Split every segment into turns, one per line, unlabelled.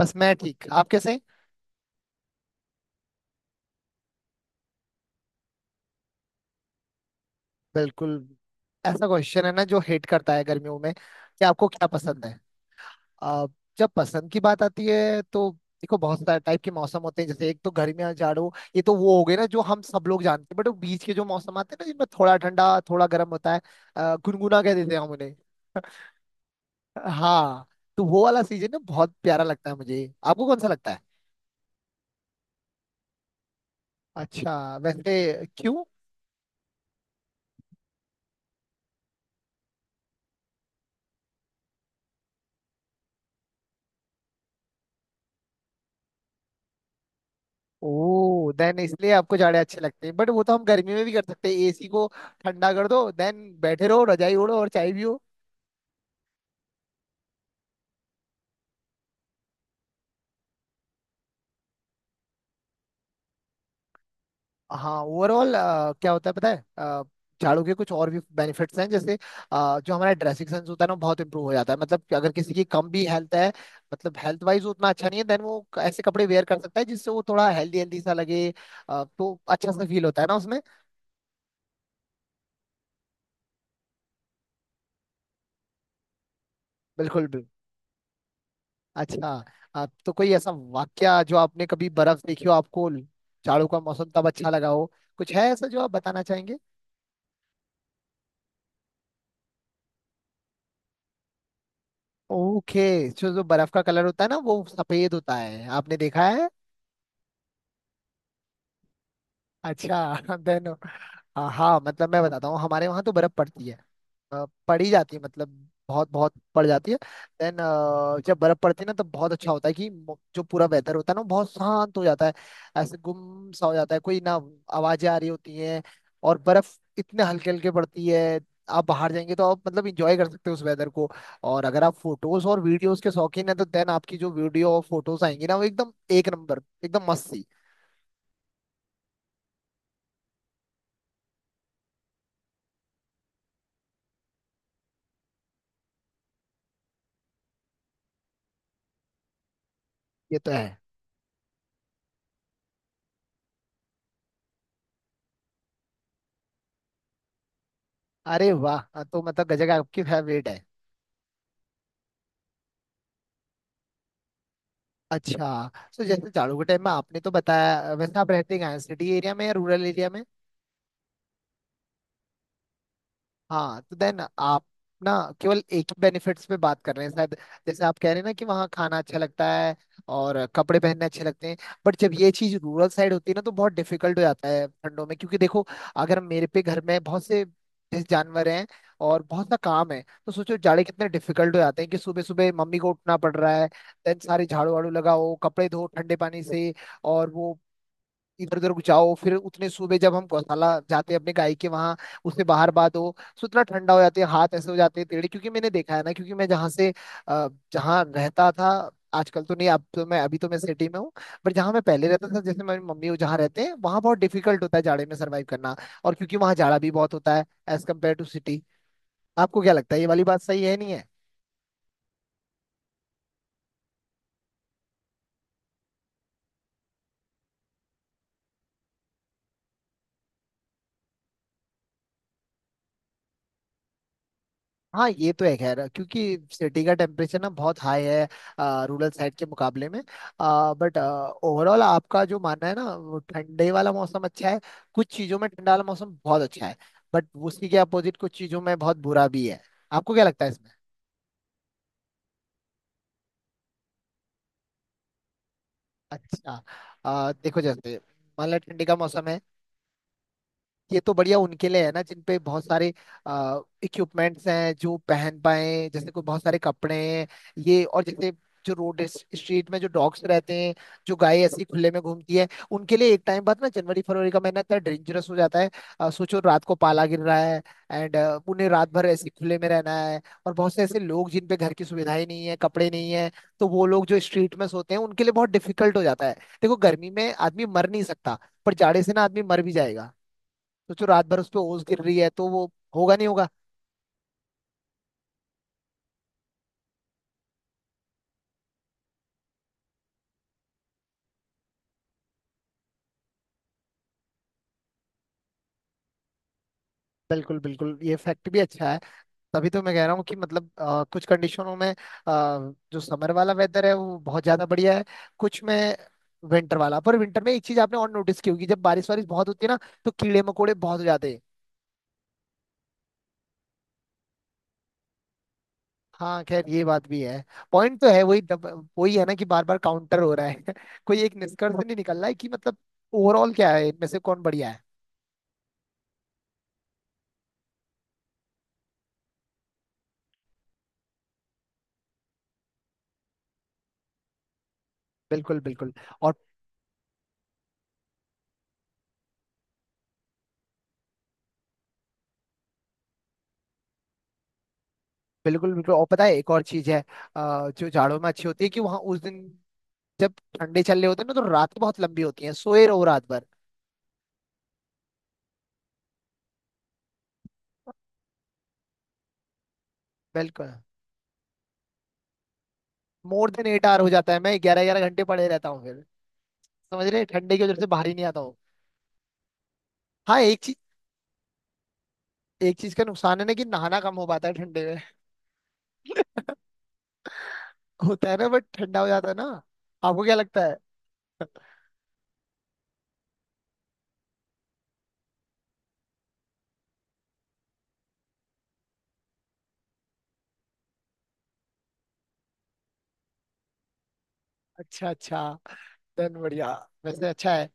बस मैं ठीक। आप कैसे? बिल्कुल ऐसा क्वेश्चन है ना, जो हेट करता है गर्मियों में कि आपको क्या पसंद है। आ, जब पसंद की बात आती है तो देखो बहुत सारे टाइप के मौसम होते हैं। जैसे एक तो गर्मियां जाड़ों, ये तो वो हो गए ना जो हम सब लोग जानते हैं। बट वो बीच के जो मौसम आते हैं ना, जिनमें थोड़ा ठंडा थोड़ा गर्म होता है, गुनगुना कह देते हैं हम उन्हें। हाँ, तो वो वाला सीजन ना बहुत प्यारा लगता है मुझे। आपको कौन सा लगता है? अच्छा, वैसे क्यों? ओह, देन इसलिए आपको जाड़े अच्छे लगते हैं। बट वो तो हम गर्मी में भी कर सकते हैं। एसी को ठंडा कर दो, देन बैठे रहो, रजाई ओढ़ो और चाय भी हो। हाँ, ओवरऑल क्या होता है पता है झाड़ू के कुछ और भी बेनिफिट्स हैं। जैसे जो हमारा ड्रेसिंग सेंस होता है ना, बहुत इंप्रूव हो जाता है। मतलब कि अगर किसी की कम भी हेल्थ है, मतलब हेल्थ वाइज उतना अच्छा नहीं है, देन वो ऐसे कपड़े वेयर कर सकता है जिससे वो थोड़ा हेल्दी हेल्दी सा लगे। तो अच्छा सा फील होता है ना उसमें। बिल्कुल। अच्छा, तो कोई ऐसा वाक्या जो आपने कभी बर्फ देखी हो, आपको जाड़ों का मौसम तब अच्छा लगा हो, कुछ है ऐसा जो आप बताना चाहेंगे? ओके, जो जो बर्फ का कलर होता है ना वो सफेद होता है। आपने देखा है? अच्छा देन हाँ, मतलब मैं बताता हूँ, हमारे वहाँ तो बर्फ पड़ती है। पड़ी जाती है मतलब, बहुत बहुत पड़ जाती है। देन जब बर्फ पड़ती है ना, तब बहुत अच्छा होता है कि जो पूरा वेदर होता है ना वो बहुत शांत हो जाता है। ऐसे गुम सा हो जाता है कोई ना, आवाजें आ रही होती हैं। और बर्फ इतने हल्के हल्के पड़ती है। आप बाहर जाएंगे तो आप मतलब इंजॉय कर सकते हो उस वेदर को। और अगर आप फोटोज और वीडियोस के शौकीन हैं तो देन आपकी जो वीडियो और फोटोज आएंगी ना, वो एकदम एक नंबर, एकदम मस्त सी। ये तो है। अरे वाह, हाँ, तो मतलब गजब आपकी फेवरेट है। अच्छा, तो जैसे जाड़ों के टाइम में आपने तो बताया, वैसे आप रहते कहाँ हैं, सिटी एरिया में या रूरल एरिया में? हाँ, तो देन आप ना केवल एक ही बेनिफिट्स पे बात कर रहे हैं शायद। जैसे आप कह रहे हैं ना कि वहाँ खाना अच्छा लगता है और कपड़े पहनने अच्छे लगते हैं। बट जब ये चीज़ रूरल साइड होती है ना, तो बहुत डिफिकल्ट हो जाता है ठंडों में। क्योंकि देखो, अगर मेरे पे घर में बहुत से जैसे जानवर हैं और बहुत सा काम है, तो सोचो जाड़े कितने डिफिकल्ट हो जाते हैं कि सुबह सुबह मम्मी को उठना पड़ रहा है, देन सारे झाड़ू वाड़ू लगाओ, कपड़े धो ठंडे पानी से, और वो इधर उधर जाओ। फिर उतने सुबह जब हम गौशाला जाते हैं अपने गाय के वहां, उससे बाहर बात हो, सो इतना ठंडा हो जाते हैं हाथ, ऐसे हो जाते हैं टेढ़े। क्योंकि मैंने देखा है ना, क्योंकि मैं जहाँ से जहाँ रहता था, आजकल तो नहीं, अब तो मैं अभी तो मैं सिटी में हूँ। पर जहाँ मैं पहले रहता था, जैसे मेरी मम्मी वो जहाँ रहते हैं, वहाँ बहुत डिफिकल्ट होता है जाड़े में सर्वाइव करना। और क्योंकि वहाँ जाड़ा भी बहुत होता है एज कम्पेयर टू सिटी। आपको क्या लगता है, ये वाली बात सही है नहीं है? हाँ, ये तो है खैर, क्योंकि सिटी का टेम्परेचर ना बहुत हाई है रूरल साइड के मुकाबले में। बट ओवरऑल आपका जो मानना है ना, वो ठंडे वाला मौसम अच्छा है। कुछ चीजों में ठंडा वाला मौसम बहुत अच्छा है, बट उसी के अपोजिट कुछ चीजों में बहुत बुरा भी है। आपको क्या लगता है इसमें? अच्छा, देखो जैसे मान लो ठंडी का मौसम है, ये तो बढ़िया उनके लिए है ना जिन पे बहुत सारे इक्विपमेंट्स हैं जो पहन पाए। जैसे कोई बहुत सारे कपड़े हैं ये, और जैसे जो रोड स्ट्रीट में जो डॉग्स रहते हैं, जो गाय ऐसी खुले में घूमती है, उनके लिए एक टाइम बाद ना जनवरी फरवरी का महीना इतना डेंजरस हो जाता है। सोचो रात को पाला गिर रहा है, एंड उन्हें रात भर ऐसे खुले में रहना है। और बहुत से ऐसे लोग जिन पे घर की सुविधाएं नहीं है, कपड़े नहीं है, तो वो लोग जो स्ट्रीट में सोते हैं, उनके लिए बहुत डिफिकल्ट हो जाता है। देखो, गर्मी में आदमी मर नहीं सकता, पर जाड़े से ना आदमी मर भी जाएगा। सोचो रात भर उस पर ओस गिर रही है तो वो होगा नहीं होगा। बिल्कुल, बिल्कुल, ये फैक्ट भी अच्छा है। तभी तो मैं कह रहा हूँ कि मतलब कुछ कंडीशनों में जो समर वाला वेदर है वो बहुत ज्यादा बढ़िया है, कुछ में विंटर वाला। पर विंटर में एक चीज आपने और नोटिस की होगी, जब बारिश वारिश बहुत होती है ना, तो कीड़े मकोड़े बहुत हो जाते हैं। हाँ खैर, ये बात भी है। पॉइंट तो है वही, वही है ना, कि बार बार काउंटर हो रहा है कोई एक निष्कर्ष नहीं निकल रहा है कि मतलब ओवरऑल क्या है, इनमें से कौन बढ़िया है। बिल्कुल, बिल्कुल। बिल्कुल, बिल्कुल। और पता है एक और चीज है जो जाड़ों में अच्छी होती है, कि वहां उस दिन जब ठंडे चल रहे होते हैं ना, तो रात बहुत लंबी होती है, सोए रहो रात भर। बिल्कुल, मोर देन एट आवर हो जाता है, मैं 11 11 घंटे पड़े रहता हूँ फिर। समझ रहे हैं? ठंडे की वजह से बाहर ही नहीं आता हूँ। हाँ, एक चीज का नुकसान है ना कि नहाना कम हो पाता है ठंडे में। होता है ना, बट ठंडा हो जाता है ना। आपको क्या लगता है? अच्छा, अच्छा, देन बढ़िया। वैसे अच्छा है।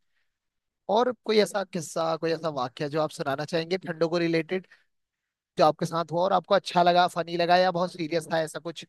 और कोई ऐसा किस्सा, कोई ऐसा वाक्य जो आप सुनाना चाहेंगे ठंडों को रिलेटेड, जो आपके साथ हुआ और आपको अच्छा लगा, फनी लगा या बहुत सीरियस था, ऐसा कुछ?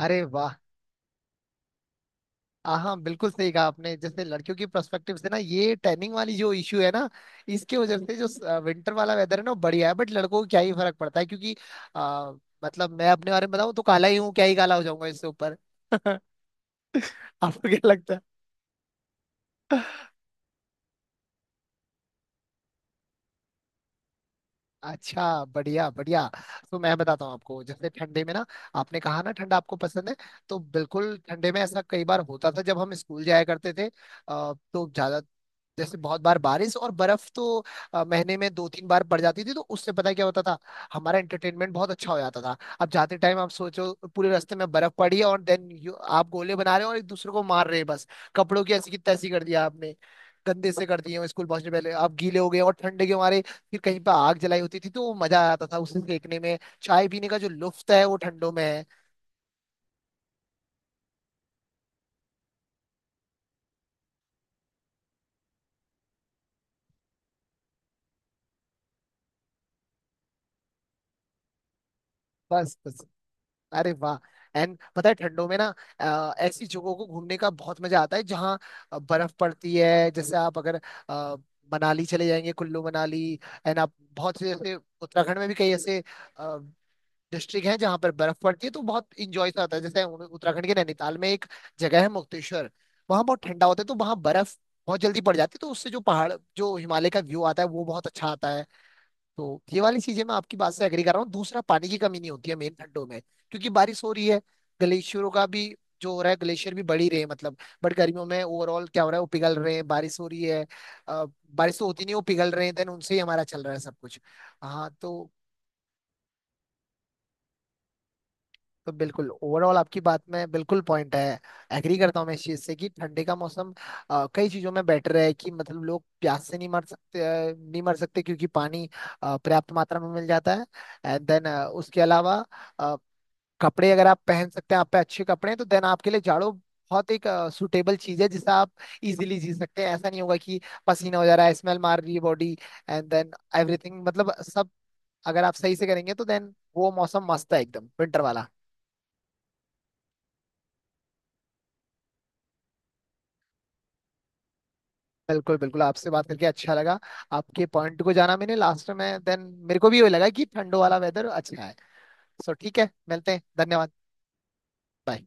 अरे वाह, हाँ, बिल्कुल सही कहा आपने। जैसे लड़कियों की पर्सपेक्टिव से ना, ये टैनिंग वाली जो इश्यू है ना, इसके वजह से जो विंटर वाला वेदर है ना वो बढ़िया है। बट लड़कों को क्या ही फर्क पड़ता है, क्योंकि आ, मतलब मैं अपने बारे में बताऊं तो काला ही हूँ, क्या ही काला हो जाऊंगा इससे ऊपर। आपको क्या लगता है? अच्छा, बढ़िया, बढ़िया। तो मैं बताता हूँ आपको, जैसे ठंडे में ना, आपने कहा ना ठंडा आपको पसंद है, तो बिल्कुल ठंडे में ऐसा कई बार होता था जब हम स्कूल जाया करते थे। तो ज्यादा जैसे बहुत बार बारिश और बर्फ तो महीने में 2 3 बार पड़ जाती थी। तो उससे पता है क्या होता था, हमारा एंटरटेनमेंट बहुत अच्छा हो जाता था। अब जाते टाइम आप सोचो, पूरे रास्ते में बर्फ पड़ी है और देन आप गोले बना रहे हो और एक दूसरे को मार रहे हैं बस, कपड़ों की ऐसी की तैसी कर दिया आपने, गंदे से कर दिए हो। स्कूल पहुंचने पहले आप गीले हो गए और ठंडे के मारे फिर कहीं पर आग जलाई होती थी, तो वो मजा आता था उसे देखने में। चाय पीने का जो लुफ्त है वो ठंडों में है। बस, बस, अरे वाह। एंड पता है ठंडों में ना, ऐसी जगहों को घूमने का बहुत मजा आता है जहाँ बर्फ पड़ती है। जैसे आप अगर अ, मनाली चले जाएंगे, कुल्लू मनाली, एंड आप बहुत से जैसे उत्तराखंड में भी कई ऐसे डिस्ट्रिक्ट है जहाँ पर बर्फ पड़ती है, तो बहुत इंजॉय सा आता है। जैसे उत्तराखंड के नैनीताल में एक जगह है मुक्तेश्वर, वहाँ बहुत ठंडा होता है, तो वहाँ बर्फ बहुत जल्दी पड़ जाती है। तो उससे जो पहाड़, जो हिमालय का व्यू आता है वो बहुत अच्छा आता है। तो ये वाली चीजें मैं आपकी बात से एग्री कर रहा हूँ। दूसरा, पानी की कमी नहीं होती है मेन ठंडों में, क्योंकि बारिश हो रही है, ग्लेशियरों का भी जो हो रहा है, ग्लेशियर भी बढ़ ही रहे हैं मतलब। बट गर्मियों में ओवरऑल क्या हो रहा है, वो पिघल रहे हैं, बारिश हो रही है, अ, बारिश तो होती नहीं, वो पिघल रहे हैं, देन उनसे ही हमारा चल रहा है सब कुछ। हाँ, तो बिल्कुल, ओवरऑल आपकी बात में बिल्कुल पॉइंट है। एग्री करता हूँ मैं इस चीज से कि ठंडी का मौसम कई चीजों में बेटर है। कि मतलब लोग प्यास से नहीं मर सकते, नहीं मर सकते क्योंकि पानी पर्याप्त मात्रा में मिल जाता है। एंड देन उसके अलावा, अ, कपड़े अगर आप पहन सकते हैं, आप पे अच्छे कपड़े हैं, तो देन आपके लिए जाड़ों बहुत एक सुटेबल चीज है, जिसे आप इजीली जी सकते हैं। ऐसा नहीं होगा कि पसीना हो जा रहा है, स्मेल मार रही है बॉडी। एंड देन एवरीथिंग, मतलब सब अगर आप सही से करेंगे, तो देन वो मौसम मस्त है एकदम, विंटर वाला। बिल्कुल, बिल्कुल, आपसे बात करके अच्छा लगा। आपके पॉइंट को जाना मैंने लास्ट में, देन मेरे को भी ये लगा कि ठंडो वाला वेदर अच्छा है। सो ठीक है, मिलते हैं, धन्यवाद। Bye.